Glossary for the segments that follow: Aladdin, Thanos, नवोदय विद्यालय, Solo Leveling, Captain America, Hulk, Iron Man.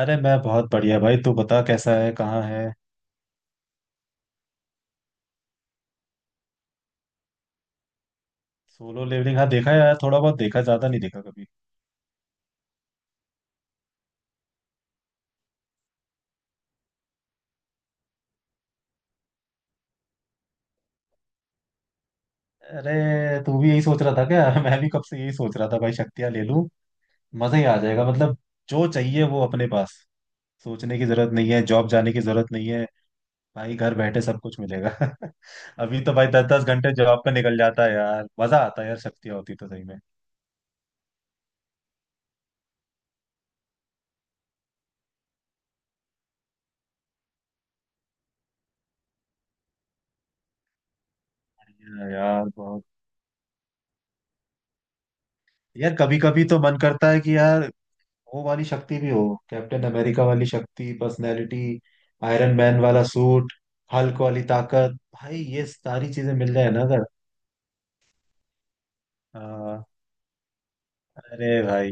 अरे मैं बहुत बढ़िया भाई। तू बता कैसा है कहाँ है। सोलो लेवलिंग हाँ देखा है यार थोड़ा बहुत देखा ज्यादा नहीं देखा कभी। अरे तू भी यही सोच रहा था क्या? मैं भी कब से यही सोच रहा था भाई शक्तियाँ ले लूं। मजा ही आ जाएगा मतलब जो चाहिए वो अपने पास। सोचने की जरूरत नहीं है जॉब जाने की जरूरत नहीं है। भाई घर बैठे सब कुछ मिलेगा। अभी तो भाई 10 10 घंटे जॉब पे निकल जाता है यार। मजा आता है यार शक्तियाँ होती तो सही में। बढ़िया है यार बहुत। यार कभी कभी तो मन करता है कि यार वो वाली शक्ति भी हो। कैप्टन अमेरिका वाली शक्ति पर्सनैलिटी, आयरन मैन वाला सूट, हल्क वाली ताकत भाई ये सारी चीजें मिल जाए ना अगर। हाँ, अरे भाई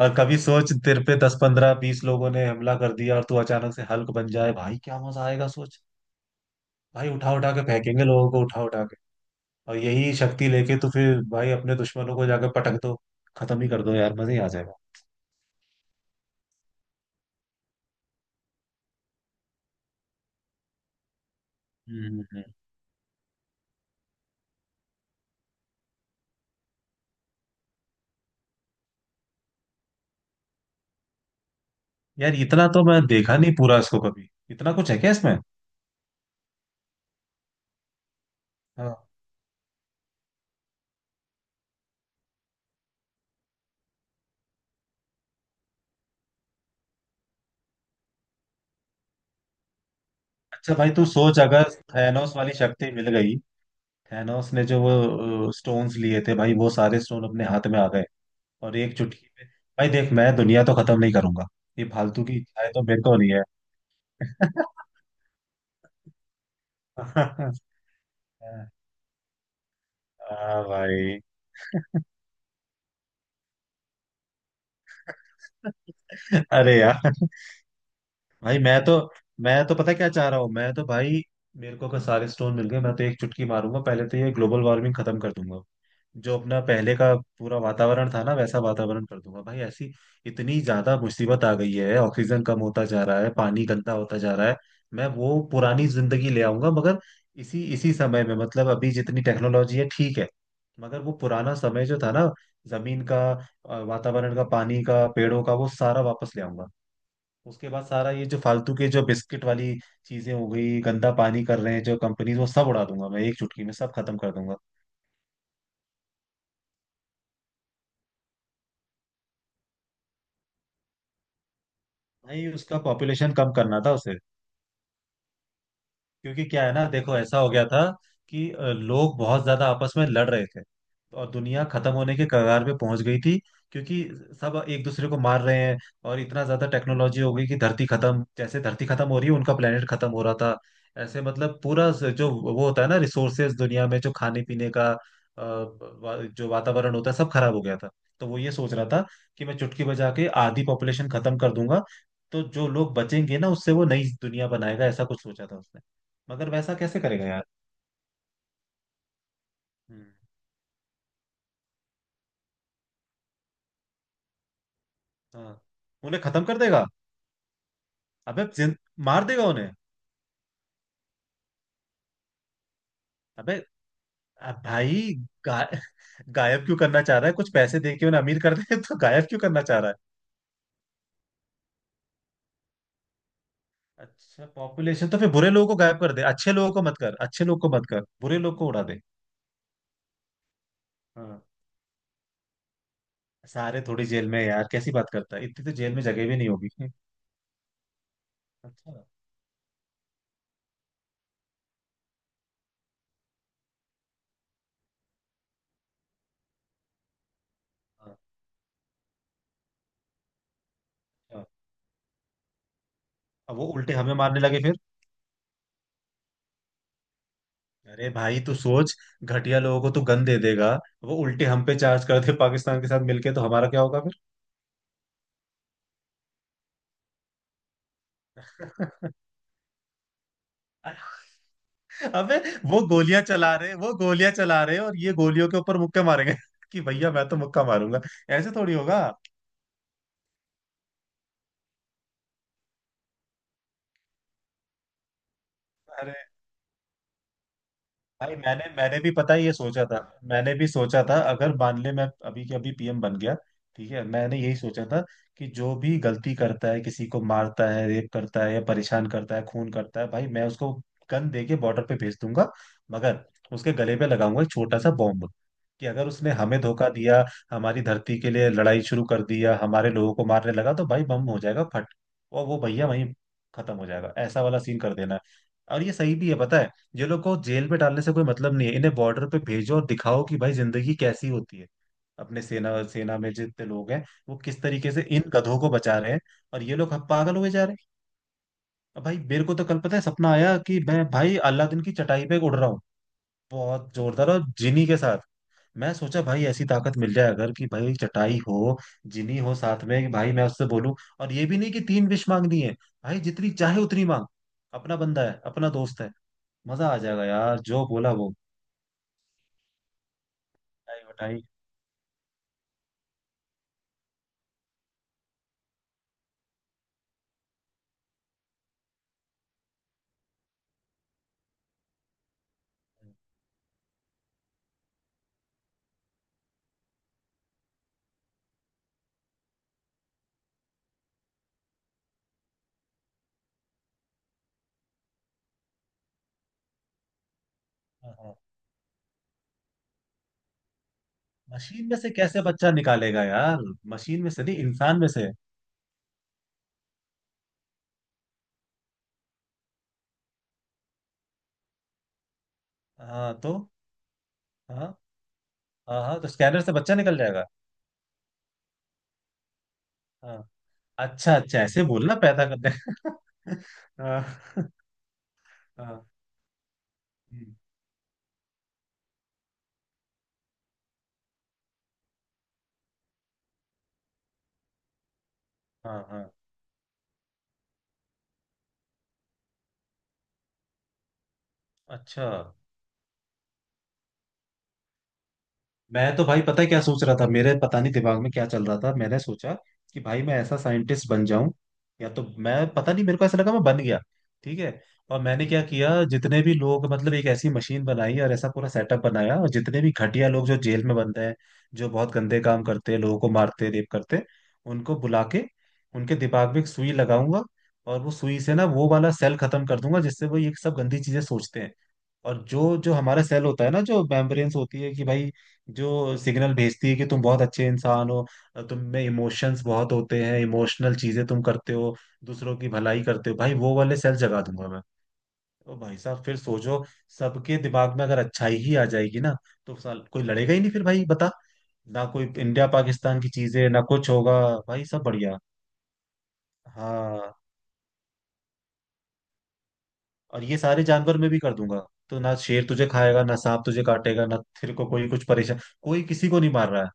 और कभी सोच तेरे पे 10 15 20 लोगों ने हमला कर दिया और तू अचानक से हल्क बन जाए भाई क्या मजा आएगा सोच। भाई उठा उठा के फेंकेंगे लोगों को उठा उठा के। और यही शक्ति लेके तो फिर भाई अपने दुश्मनों को जाकर पटक दो। खत्म ही कर दो यार मजा ही आ जाएगा। हम्म हम्म, हम्म। यार इतना तो मैं देखा नहीं पूरा इसको कभी इतना कुछ है क्या इसमें। हाँ। अच्छा भाई तू सोच अगर थैनोस वाली शक्ति मिल गई। थैनोस ने जो वो स्टोन्स लिए थे भाई वो सारे स्टोन अपने हाथ में आ गए। और एक चुटकी में भाई देख मैं दुनिया तो खत्म नहीं करूंगा। ये फालतू की इच्छाएं तो मेरे को नहीं है। हाँ भाई। अरे यार भाई मैं तो पता क्या चाह रहा हूँ मैं तो भाई मेरे को अगर सारे स्टोन मिल गए मैं तो एक चुटकी मारूंगा पहले तो ये ग्लोबल वार्मिंग खत्म कर दूंगा। जो अपना पहले का पूरा वातावरण था ना वैसा वातावरण कर दूंगा भाई। ऐसी इतनी ज्यादा मुसीबत आ गई है। ऑक्सीजन कम होता जा रहा है पानी गंदा होता जा रहा है। मैं वो पुरानी जिंदगी ले आऊंगा मगर इसी इसी समय में मतलब अभी जितनी टेक्नोलॉजी है ठीक है। मगर वो पुराना समय जो था ना जमीन का, वातावरण का पानी का पेड़ों का वो सारा वापस ले आऊंगा। उसके बाद सारा ये जो फालतू के जो बिस्किट वाली चीजें हो गई गंदा पानी कर रहे हैं जो कंपनीज वो सब उड़ा दूंगा मैं एक चुटकी में सब खत्म कर दूंगा। नहीं उसका पॉपुलेशन कम करना था उसे। क्योंकि क्या है ना देखो ऐसा हो गया था कि लोग बहुत ज्यादा आपस में लड़ रहे थे। और दुनिया खत्म होने के कगार पे पहुंच गई थी क्योंकि सब एक दूसरे को मार रहे हैं। और इतना ज्यादा टेक्नोलॉजी हो गई कि धरती खत्म जैसे धरती खत्म हो रही है उनका प्लेनेट खत्म हो रहा था। ऐसे मतलब पूरा जो वो होता है ना रिसोर्सेज दुनिया में जो खाने पीने का जो वातावरण होता है सब खराब हो गया था। तो वो ये सोच रहा था कि मैं चुटकी बजा के आधी पॉपुलेशन खत्म कर दूंगा। तो जो लोग बचेंगे ना उससे वो नई दुनिया बनाएगा ऐसा कुछ सोचा था उसने। मगर वैसा कैसे करेगा यार। हम्म, हाँ। उन्हें खत्म कर देगा। अबे जिन, मार देगा उन्हें। अबे अब भाई गा, गायब क्यों करना चाह रहा है कुछ पैसे दे के उन्हें अमीर कर दे तो गायब क्यों करना चाह रहा है। अच्छा पॉपुलेशन तो फिर बुरे लोगों को गायब कर दे अच्छे लोगों को मत कर अच्छे लोगों को मत कर बुरे लोगों को उड़ा दे। हाँ। सारे थोड़ी जेल में यार कैसी बात करता है इतनी तो जेल में जगह भी नहीं होगी। अच्छा। हाँ, हाँ। अब वो उल्टे हमें मारने लगे फिर। अरे भाई तू सोच घटिया लोगों को तू गन दे देगा। वो उल्टे हम पे चार्ज कर दे पाकिस्तान के साथ मिलके तो हमारा क्या होगा फिर। अबे वो गोलियां चला रहे वो गोलियां चला रहे और ये गोलियों के ऊपर मुक्के मारेंगे कि भैया मैं तो मुक्का मारूंगा। ऐसे थोड़ी होगा। भाई मैंने मैंने भी पता है ये सोचा था। मैंने भी सोचा था अगर मान ले मैं अभी के अभी पीएम बन गया ठीक है। मैंने यही सोचा था कि जो भी गलती करता है किसी को मारता है रेप करता है या परेशान करता है खून करता है भाई मैं उसको गन दे के बॉर्डर पे भेज दूंगा। मगर उसके गले पे लगाऊंगा एक छोटा सा बॉम्ब कि अगर उसने हमें धोखा दिया हमारी धरती के लिए लड़ाई शुरू कर दिया हमारे लोगों को मारने लगा तो भाई बम हो जाएगा फट। और वो भैया वहीं खत्म हो जाएगा ऐसा वाला सीन कर देना है। और ये सही भी है पता है ये लोग को जेल में डालने से कोई मतलब नहीं है इन्हें बॉर्डर पे भेजो और दिखाओ कि भाई जिंदगी कैसी होती है। अपने सेना सेना में जितने लोग हैं वो किस तरीके से इन गधों को बचा रहे हैं। और ये लोग अब पागल हुए जा रहे हैं। अब भाई मेरे को तो कल पता है सपना आया कि मैं भाई अलादीन की चटाई पे उड़ रहा हूँ। बहुत जोरदार और जिनी के साथ। मैं सोचा भाई ऐसी ताकत मिल जाए अगर कि भाई चटाई हो जिनी हो साथ में कि भाई मैं उससे बोलूं। और ये भी नहीं कि तीन विश मांगनी है भाई जितनी चाहे उतनी मांग। अपना बंदा है अपना दोस्त है। मजा आ जाएगा यार जो बोला वो बताई। हाँ हाँ। मशीन में से कैसे बच्चा निकालेगा यार। मशीन में से नहीं इंसान में से। हाँ तो। हाँ हाँ। हाँ तो स्कैनर से बच्चा निकल जाएगा। हाँ। अच्छा अच्छा ऐसे बोलना पैदा करने। हाँ हाँ। हाँ। हम्म, हाँ, हाँ, अच्छा। मैं तो भाई पता है क्या सोच रहा था मेरे पता नहीं दिमाग में क्या चल रहा था मैंने सोचा कि भाई मैं ऐसा साइंटिस्ट बन जाऊं। या तो मैं पता नहीं मेरे को ऐसा लगा मैं बन गया ठीक है। और मैंने क्या किया जितने भी लोग मतलब एक ऐसी मशीन बनाई और ऐसा पूरा सेटअप बनाया और जितने भी घटिया लोग जो जेल में बंद हैं जो बहुत गंदे काम करते हैं लोगों को मारते रेप करते हैं, उनको बुला के उनके दिमाग में एक सुई लगाऊंगा। और वो सुई से ना वो वाला सेल खत्म कर दूंगा जिससे वो ये सब गंदी चीजें सोचते हैं। और जो जो हमारा सेल होता है ना जो मेम्ब्रेन्स होती है कि भाई जो सिग्नल भेजती है कि तुम बहुत अच्छे इंसान हो तुम में इमोशंस बहुत होते हैं इमोशनल चीजें तुम करते हो दूसरों की भलाई करते हो भाई वो वाले सेल जगा दूंगा मैं। ओ भाई साहब फिर सोचो सबके दिमाग में अगर अच्छाई ही आ जाएगी ना तो साल कोई लड़ेगा ही नहीं फिर भाई बता। ना कोई इंडिया पाकिस्तान की चीजें ना कुछ होगा। भाई सब बढ़िया। हाँ और ये सारे जानवर मैं भी कर दूंगा तो ना शेर तुझे खाएगा ना सांप तुझे काटेगा ना तेरे को कोई कुछ परेशान कोई किसी को नहीं मार रहा है।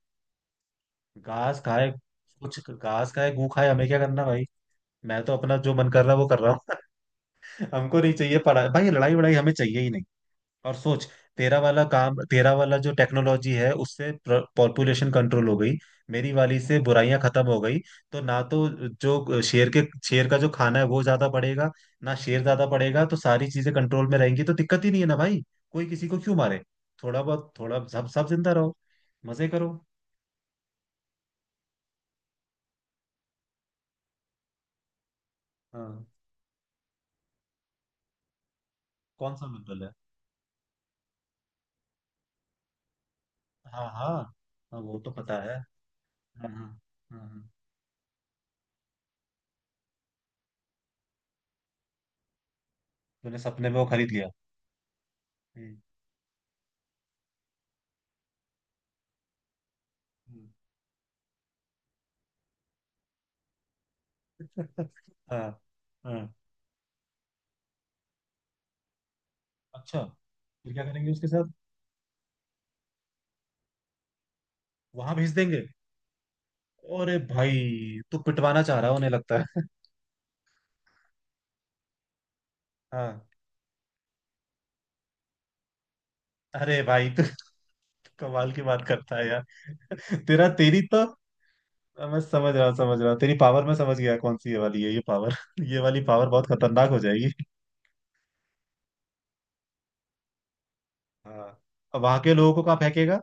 घास खाए कुछ घास खाए गू खाए हमें क्या करना भाई। मैं तो अपना जो मन कर रहा है वो कर रहा हूँ। हमको नहीं चाहिए पढ़ाई भाई लड़ाई वड़ाई हमें चाहिए ही नहीं। और सोच तेरा वाला काम तेरा वाला जो टेक्नोलॉजी है उससे पॉपुलेशन कंट्रोल हो गई। मेरी वाली से बुराइयां खत्म हो गई। तो ना तो जो शेर के शेर का जो खाना है वो ज्यादा पड़ेगा। ना शेर ज्यादा पड़ेगा तो सारी चीजें कंट्रोल में रहेंगी तो दिक्कत ही नहीं है ना भाई। कोई किसी को क्यों मारे। थोड़ा बहुत थोड़ा सब सब जिंदा रहो मजे करो। हाँ। कौन सा मिनरल है। हाँ हाँ। हाँ वो तो पता है। हाँ हाँ। हाँ हाँ। तूने सपने में वो खरीद लिया। हम्म। हम्म। हाँ हाँ। अच्छा फिर क्या करेंगे उसके साथ। वहां भेज देंगे। अरे भाई तू पिटवाना चाह रहा है उन्हें लगता है। हाँ। अरे भाई तू कमाल की बात करता है यार। तेरा तेरी तो मैं समझ रहा तेरी पावर मैं समझ गया कौन सी ये वाली है ये पावर। ये वाली पावर बहुत खतरनाक हो जाएगी। हाँ। अब वहां के लोगों को कहाँ फेंकेगा।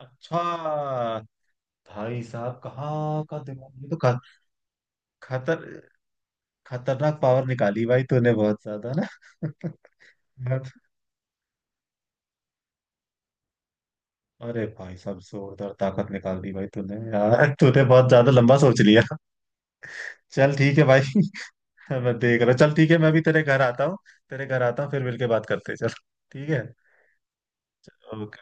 अच्छा भाई साहब कहाँ का दिमाग ये तो खतर खतरनाक पावर निकाली भाई तूने बहुत ज्यादा ना। मैं अरे भाई साहब जोरदार ताकत निकाल दी भाई तूने यार। तूने बहुत ज्यादा लंबा सोच लिया। चल ठीक है भाई। मैं देख रहा हूँ चल ठीक है मैं भी तेरे घर आता हूँ। तेरे घर आता हूँ फिर मिलके बात करते हैं चल ठीक है ओके।